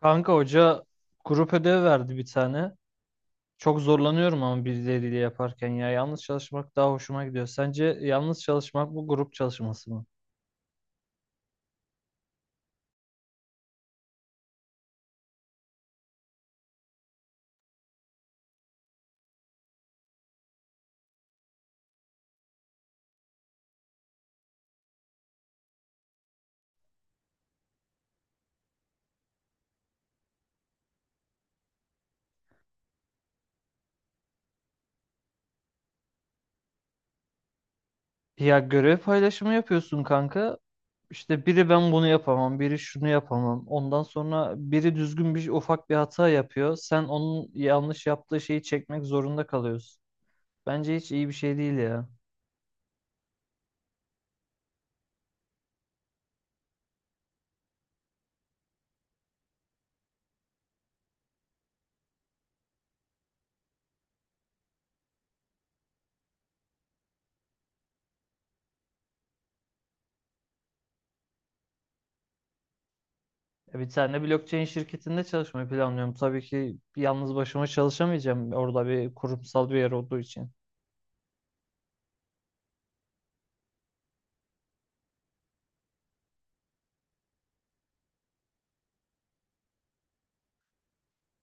Kanka hoca grup ödevi verdi bir tane. Çok zorlanıyorum ama birileriyle yaparken ya yalnız çalışmak daha hoşuma gidiyor. Sence yalnız çalışmak bu grup çalışması mı? Ya görev paylaşımı yapıyorsun kanka. İşte biri ben bunu yapamam, biri şunu yapamam. Ondan sonra biri düzgün bir ufak bir hata yapıyor. Sen onun yanlış yaptığı şeyi çekmek zorunda kalıyorsun. Bence hiç iyi bir şey değil ya. Ya bir tane blockchain şirketinde çalışmayı planlıyorum. Tabii ki yalnız başıma çalışamayacağım orada bir kurumsal bir yer olduğu için.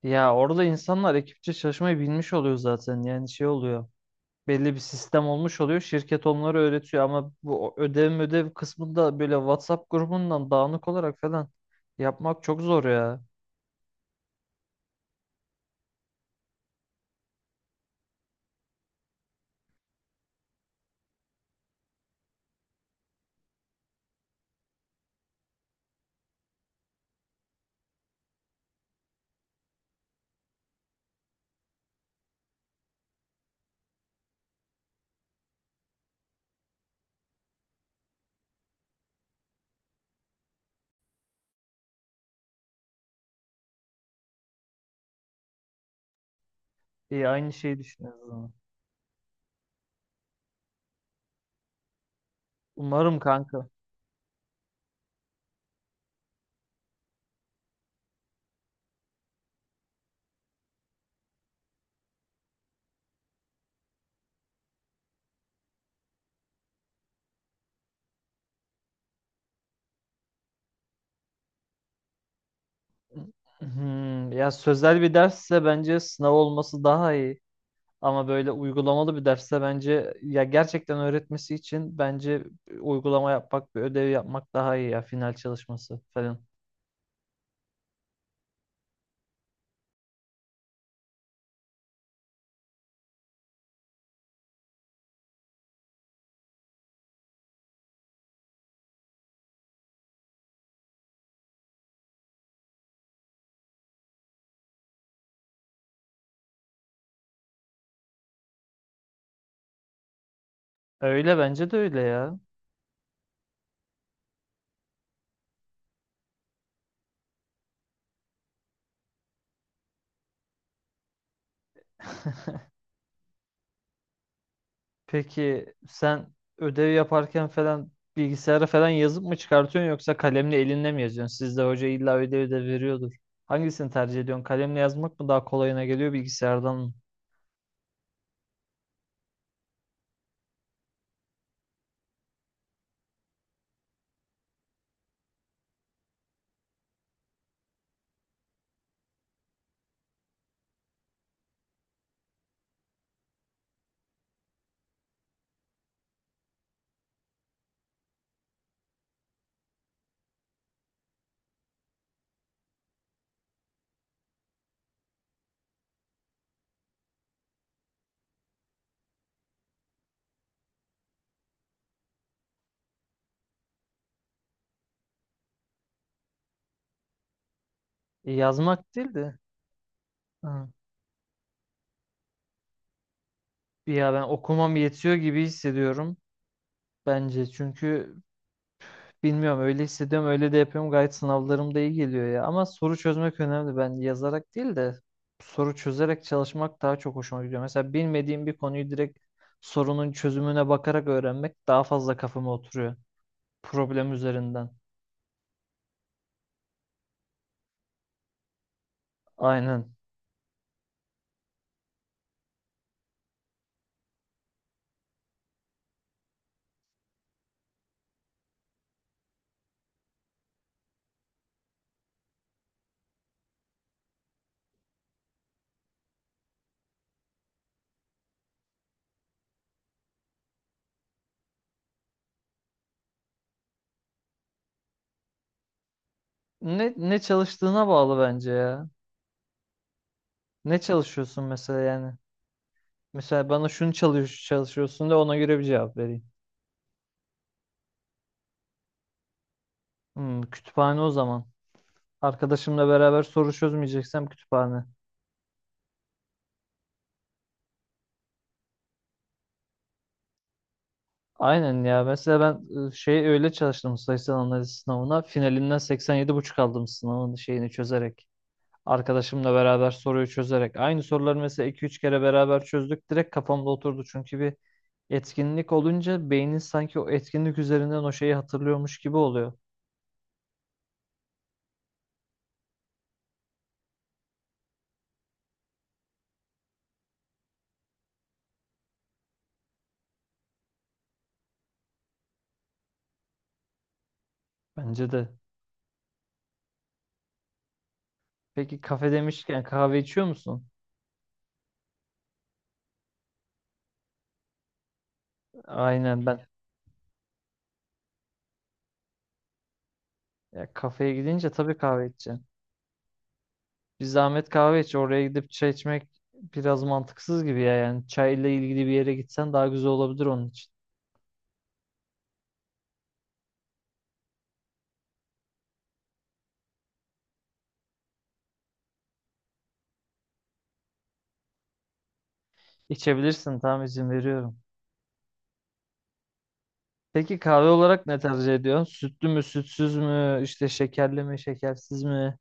Ya orada insanlar ekipçe çalışmayı bilmiş oluyor zaten. Yani şey oluyor. Belli bir sistem olmuş oluyor. Şirket onları öğretiyor ama bu ödev kısmında böyle WhatsApp grubundan dağınık olarak falan yapmak çok zor ya. İyi, aynı şeyi düşünüyoruz o zaman. Umarım kanka. Ya sözel bir dersse bence sınav olması daha iyi. Ama böyle uygulamalı bir dersse bence ya gerçekten öğretmesi için bence uygulama yapmak, bir ödev yapmak daha iyi ya, final çalışması falan. Öyle, bence de öyle ya. Peki sen ödev yaparken falan bilgisayara falan yazıp mı çıkartıyorsun yoksa kalemle elinle mi yazıyorsun? Sizde hoca illa ödev de veriyordur. Hangisini tercih ediyorsun? Kalemle yazmak mı daha kolayına geliyor, bilgisayardan mı? Yazmak değil de. Hı. Ya ben okumam yetiyor gibi hissediyorum bence. Çünkü bilmiyorum, öyle hissediyorum, öyle de yapıyorum, gayet sınavlarım da iyi geliyor ya. Ama soru çözmek önemli. Ben yazarak değil de soru çözerek çalışmak daha çok hoşuma gidiyor. Mesela bilmediğim bir konuyu direkt sorunun çözümüne bakarak öğrenmek daha fazla kafama oturuyor. Problem üzerinden. Aynen. Ne çalıştığına bağlı bence ya. Ne çalışıyorsun mesela yani? Mesela bana şunu çalışıyorsun da ona göre bir cevap vereyim. Kütüphane o zaman. Arkadaşımla beraber soru çözmeyeceksem kütüphane. Aynen ya. Mesela ben şey öyle çalıştım sayısal analiz sınavına. Finalinden 87,5 aldım sınavın şeyini çözerek. Arkadaşımla beraber soruyu çözerek. Aynı soruları mesela 2-3 kere beraber çözdük. Direkt kafamda oturdu. Çünkü bir etkinlik olunca beynin sanki o etkinlik üzerinden o şeyi hatırlıyormuş gibi oluyor. Bence de. Peki kafe demişken kahve içiyor musun? Aynen ben. Ya kafeye gidince tabii kahve içeceğim. Bir zahmet kahve iç. Oraya gidip çay içmek biraz mantıksız gibi ya. Yani çayla ilgili bir yere gitsen daha güzel olabilir onun için. İçebilirsin, tamam, izin veriyorum. Peki kahve olarak ne tercih ediyorsun? Sütlü mü, sütsüz mü, işte şekerli mi, şekersiz mi?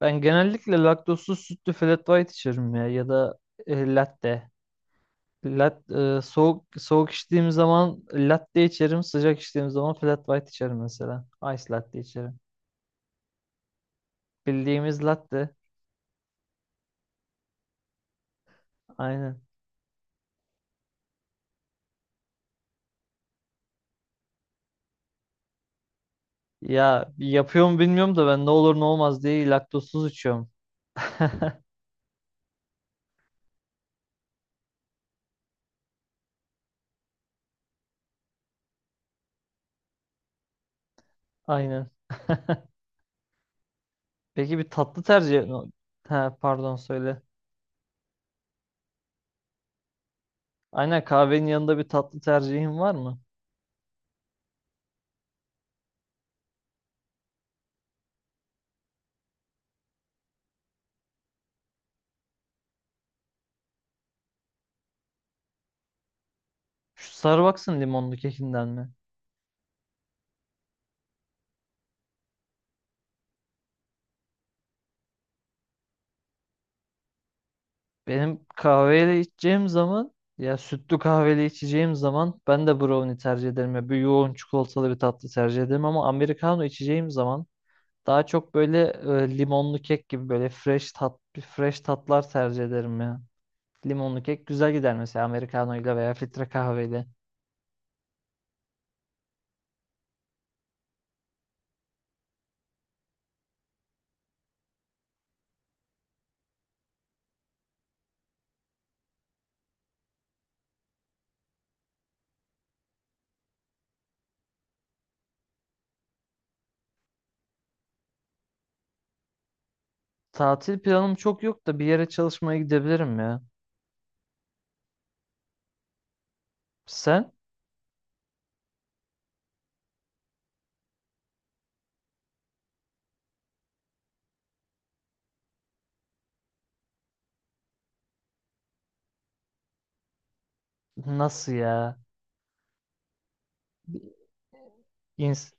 Ben genellikle laktozsuz sütlü flat white içerim ya ya da latte. Soğuk soğuk içtiğim zaman latte içerim, sıcak içtiğim zaman flat white içerim mesela. Ice latte içerim. Bildiğimiz latte. Aynen. Ya yapıyor mu bilmiyorum da ben ne olur ne olmaz diye laktozsuz içiyorum. Aynen. Peki bir tatlı tercih... Ha, pardon, söyle. Aynen, kahvenin yanında bir tatlı tercihin var mı? Şu Starbucks'ın limonlu kekinden mi? Benim kahveyle içeceğim zaman, ya sütlü kahveyle içeceğim zaman ben de brownie tercih ederim. Ya bir yoğun çikolatalı bir tatlı tercih ederim, ama americano içeceğim zaman daha çok böyle limonlu kek gibi, böyle fresh tatlar tercih ederim ya. Limonlu kek güzel gider mesela Americano'yla veya filtre kahveyle. Tatil planım çok yok da bir yere çalışmaya gidebilirim ya. Sen? Nasıl ya? İns-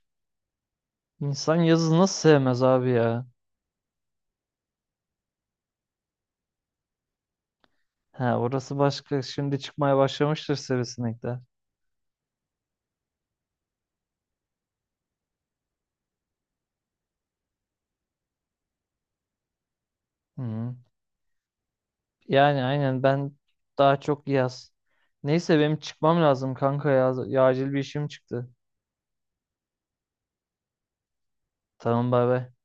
insan yazı nasıl sevmez abi ya? Ha, orası başka. Şimdi çıkmaya başlamıştır sivrisinekler. Hı. Yani aynen ben daha çok yaz. Neyse benim çıkmam lazım kanka ya. Ya acil bir işim çıktı. Tamam, bay bay.